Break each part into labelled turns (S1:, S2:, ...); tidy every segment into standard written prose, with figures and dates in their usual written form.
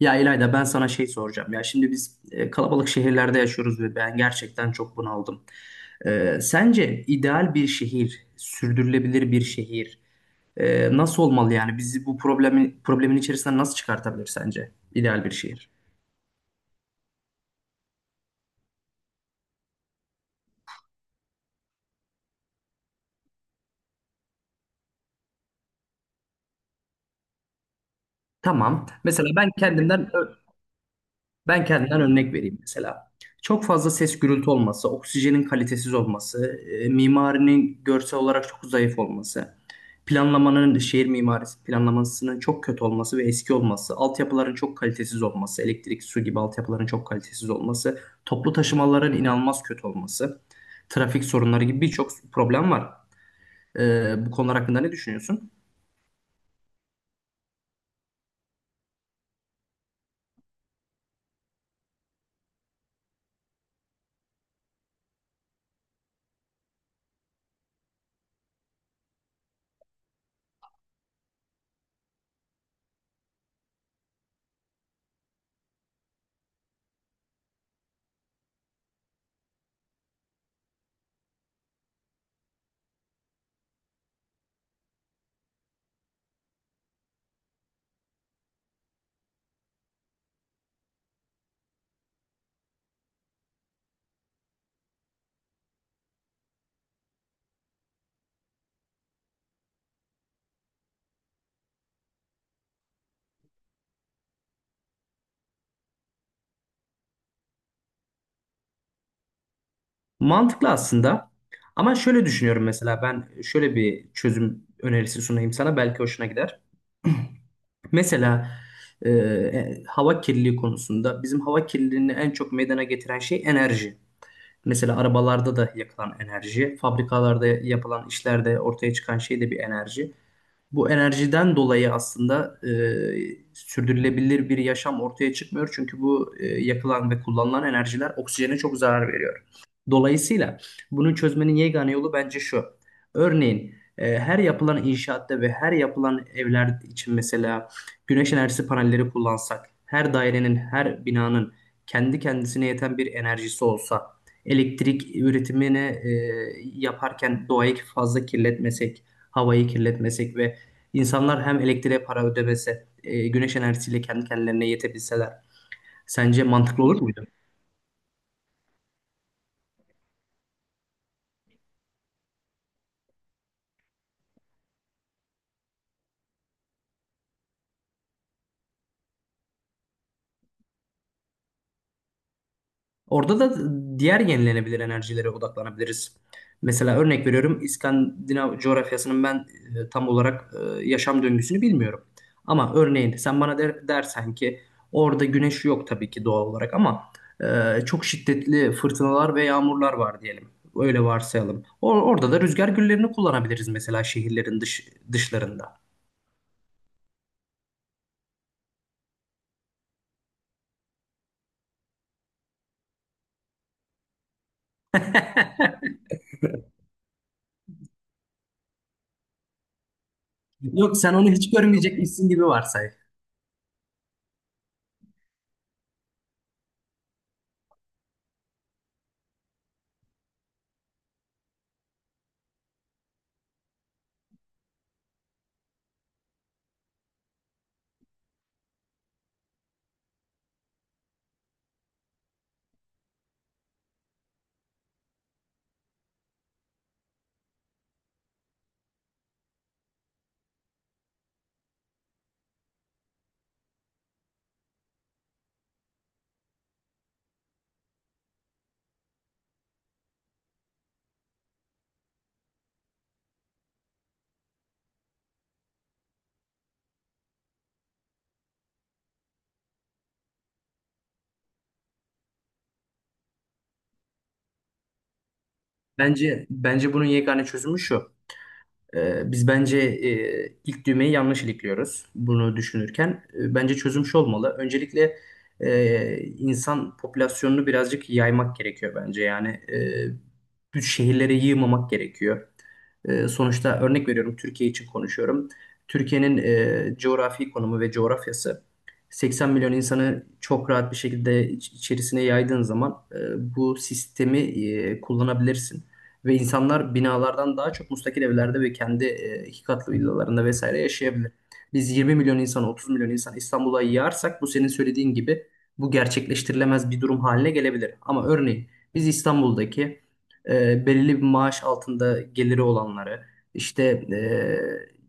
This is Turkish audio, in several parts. S1: Ya İlayda, ben sana şey soracağım. Ya şimdi biz kalabalık şehirlerde yaşıyoruz ve ben gerçekten çok bunaldım. Sence ideal bir şehir, sürdürülebilir bir şehir nasıl olmalı yani? Bizi bu problemi problemin içerisinden nasıl çıkartabilir sence ideal bir şehir? Tamam. Mesela ben kendimden Ben kendimden örnek vereyim mesela. Çok fazla ses gürültü olması, oksijenin kalitesiz olması, mimarinin görsel olarak çok zayıf olması. Planlamanın, şehir mimarisi planlamasının çok kötü olması ve eski olması, altyapıların çok kalitesiz olması, elektrik, su gibi altyapıların çok kalitesiz olması, toplu taşımaların inanılmaz kötü olması, trafik sorunları gibi birçok problem var. Bu konular hakkında ne düşünüyorsun? Mantıklı aslında. Ama şöyle düşünüyorum, mesela ben şöyle bir çözüm önerisi sunayım sana, belki hoşuna gider. Mesela hava kirliliği konusunda bizim hava kirliliğini en çok meydana getiren şey enerji. Mesela arabalarda da yakılan enerji, fabrikalarda yapılan işlerde ortaya çıkan şey de bir enerji. Bu enerjiden dolayı aslında sürdürülebilir bir yaşam ortaya çıkmıyor. Çünkü bu yakılan ve kullanılan enerjiler oksijene çok zarar veriyor. Dolayısıyla bunu çözmenin yegane yolu bence şu. Örneğin her yapılan inşaatta ve her yapılan evler için mesela güneş enerjisi panelleri kullansak, her dairenin, her binanın kendi kendisine yeten bir enerjisi olsa, elektrik üretimini yaparken doğayı fazla kirletmesek, havayı kirletmesek ve İnsanlar hem elektriğe para ödemese, güneş enerjisiyle kendi kendilerine yetebilseler sence mantıklı olur muydu? Orada da diğer yenilenebilir enerjilere odaklanabiliriz. Mesela örnek veriyorum, İskandinav coğrafyasının ben tam olarak yaşam döngüsünü bilmiyorum. Ama örneğin sen bana dersen ki orada güneş yok tabii ki doğal olarak ama çok şiddetli fırtınalar ve yağmurlar var diyelim. Öyle varsayalım. Orada da rüzgar güllerini kullanabiliriz mesela, şehirlerin dışlarında. Yok, sen onu hiç görmeyecekmişsin gibi varsay. Bence bunun yegane çözümü şu. Biz bence ilk düğmeyi yanlış ilikliyoruz bunu düşünürken. Bence çözüm şu olmalı. Öncelikle insan popülasyonunu birazcık yaymak gerekiyor bence. Yani büyük şehirlere yığmamak gerekiyor. Sonuçta örnek veriyorum, Türkiye için konuşuyorum. Türkiye'nin coğrafi konumu ve coğrafyası 80 milyon insanı çok rahat bir şekilde içerisine yaydığın zaman bu sistemi kullanabilirsin. Ve insanlar binalardan daha çok müstakil evlerde ve kendi iki katlı villalarında vesaire yaşayabilir. Biz 20 milyon insan, 30 milyon insan İstanbul'a yığarsak bu senin söylediğin gibi bu gerçekleştirilemez bir durum haline gelebilir. Ama örneğin biz İstanbul'daki belirli bir maaş altında geliri olanları, işte e,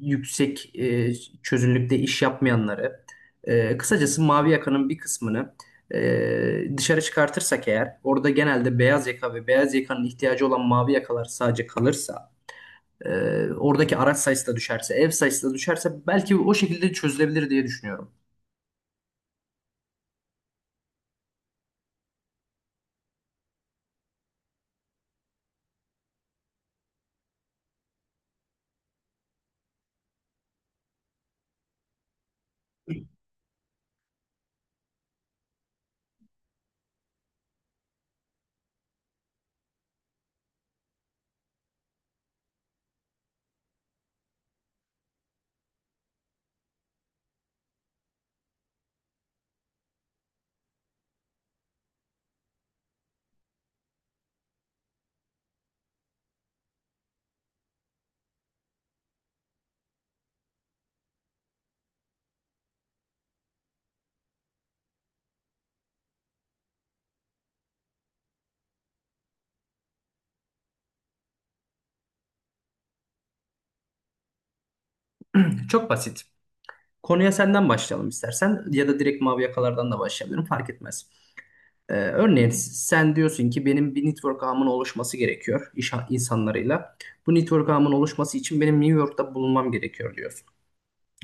S1: yüksek çözünürlükte iş yapmayanları, kısacası mavi yakanın bir kısmını dışarı çıkartırsak eğer, orada genelde beyaz yaka ve beyaz yakanın ihtiyacı olan mavi yakalar sadece kalırsa, e, oradaki araç sayısı da düşerse, ev sayısı da düşerse, belki o şekilde çözülebilir diye düşünüyorum. Çok basit. Konuya senden başlayalım istersen ya da direkt mavi yakalardan da başlayabilirim, fark etmez. Örneğin sen diyorsun ki benim bir network ağımın oluşması gerekiyor iş insanlarıyla. Bu network ağımın oluşması için benim New York'ta bulunmam gerekiyor diyorsun.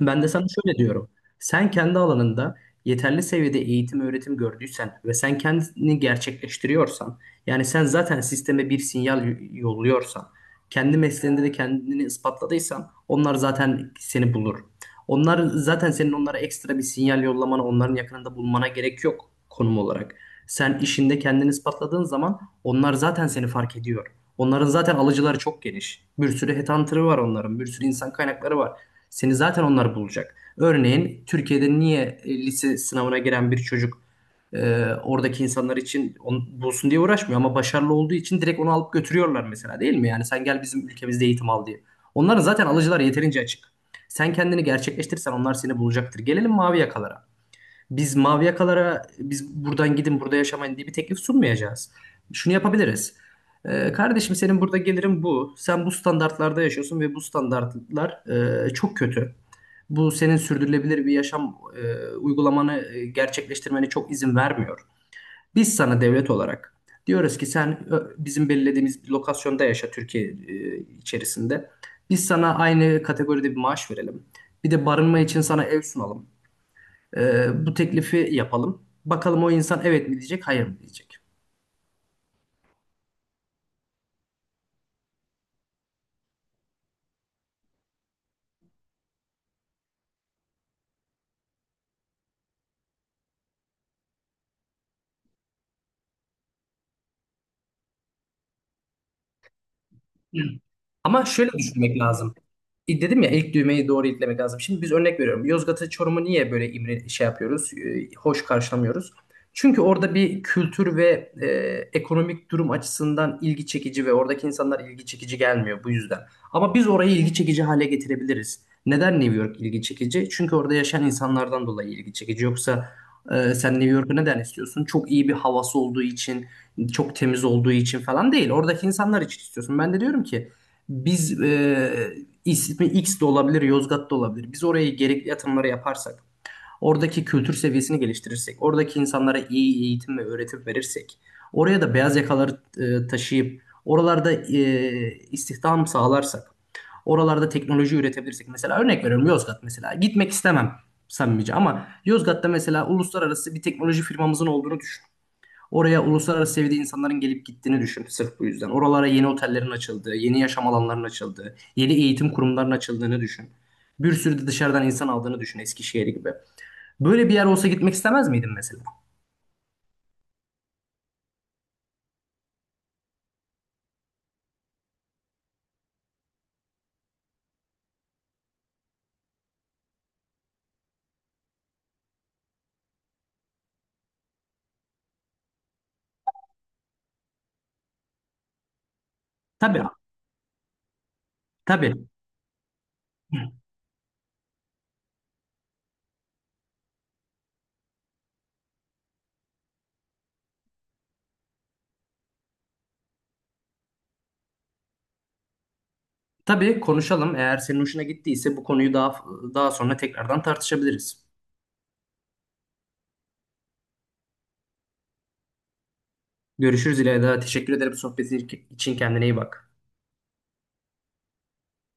S1: Ben de sana şöyle diyorum. Sen kendi alanında yeterli seviyede eğitim öğretim gördüysen ve sen kendini gerçekleştiriyorsan, yani sen zaten sisteme bir sinyal yolluyorsan, kendi mesleğinde de kendini ispatladıysan onlar zaten seni bulur. Onlar zaten senin onlara ekstra bir sinyal yollamana, onların yakınında bulmana gerek yok konum olarak. Sen işinde kendini ispatladığın zaman onlar zaten seni fark ediyor. Onların zaten alıcıları çok geniş. Bir sürü headhunter'ı var onların, bir sürü insan kaynakları var. Seni zaten onlar bulacak. Örneğin Türkiye'de niye lise sınavına giren bir çocuk oradaki insanlar için onu bulsun diye uğraşmıyor ama başarılı olduğu için direkt onu alıp götürüyorlar mesela, değil mi? Yani sen gel bizim ülkemizde eğitim al diye. Onların zaten alıcılar yeterince açık. Sen kendini gerçekleştirirsen onlar seni bulacaktır. Gelelim mavi yakalara. Biz buradan gidin burada yaşamayın diye bir teklif sunmayacağız. Şunu yapabiliriz. Kardeşim, senin burada gelirin bu. Sen bu standartlarda yaşıyorsun ve bu standartlar çok kötü. Bu senin sürdürülebilir bir yaşam uygulamanı gerçekleştirmene çok izin vermiyor. Biz sana devlet olarak diyoruz ki sen bizim belirlediğimiz bir lokasyonda yaşa, Türkiye içerisinde. Biz sana aynı kategoride bir maaş verelim. Bir de barınma için sana ev sunalım. Bu teklifi yapalım. Bakalım o insan evet mi diyecek, hayır mı diyecek. Ama şöyle düşünmek lazım. Dedim ya, ilk düğmeyi doğru itlemek lazım. Şimdi biz örnek veriyorum. Yozgat'ı, Çorum'u niye böyle imre şey yapıyoruz, hoş karşılamıyoruz? Çünkü orada bir kültür ve ekonomik durum açısından ilgi çekici ve oradaki insanlar ilgi çekici gelmiyor bu yüzden. Ama biz orayı ilgi çekici hale getirebiliriz. Neden New York ilgi çekici? Çünkü orada yaşayan insanlardan dolayı ilgi çekici. Yoksa sen New York'u neden istiyorsun? Çok iyi bir havası olduğu için, çok temiz olduğu için falan değil. Oradaki insanlar için istiyorsun. Ben de diyorum ki biz ismi X de olabilir, Yozgat da olabilir. Biz oraya gerekli yatırımları yaparsak, oradaki kültür seviyesini geliştirirsek, oradaki insanlara iyi eğitim ve öğretim verirsek, oraya da beyaz yakaları taşıyıp oralarda istihdam sağlarsak, oralarda teknoloji üretebilirsek. Mesela örnek veriyorum, Yozgat mesela. Gitmek istemem samimice, ama Yozgat'ta mesela uluslararası bir teknoloji firmamızın olduğunu düşün. Oraya uluslararası seviyede insanların gelip gittiğini düşün sırf bu yüzden. Oralara yeni otellerin açıldığı, yeni yaşam alanlarının açıldığı, yeni eğitim kurumlarının açıldığını düşün. Bir sürü de dışarıdan insan aldığını düşün, Eskişehir gibi. Böyle bir yer olsa gitmek istemez miydin mesela? Tabii, tabii. Tabii konuşalım. Eğer senin hoşuna gittiyse bu konuyu daha sonra tekrardan tartışabiliriz. Görüşürüz İlayda. Teşekkür ederim sohbetin için. Kendine iyi bak.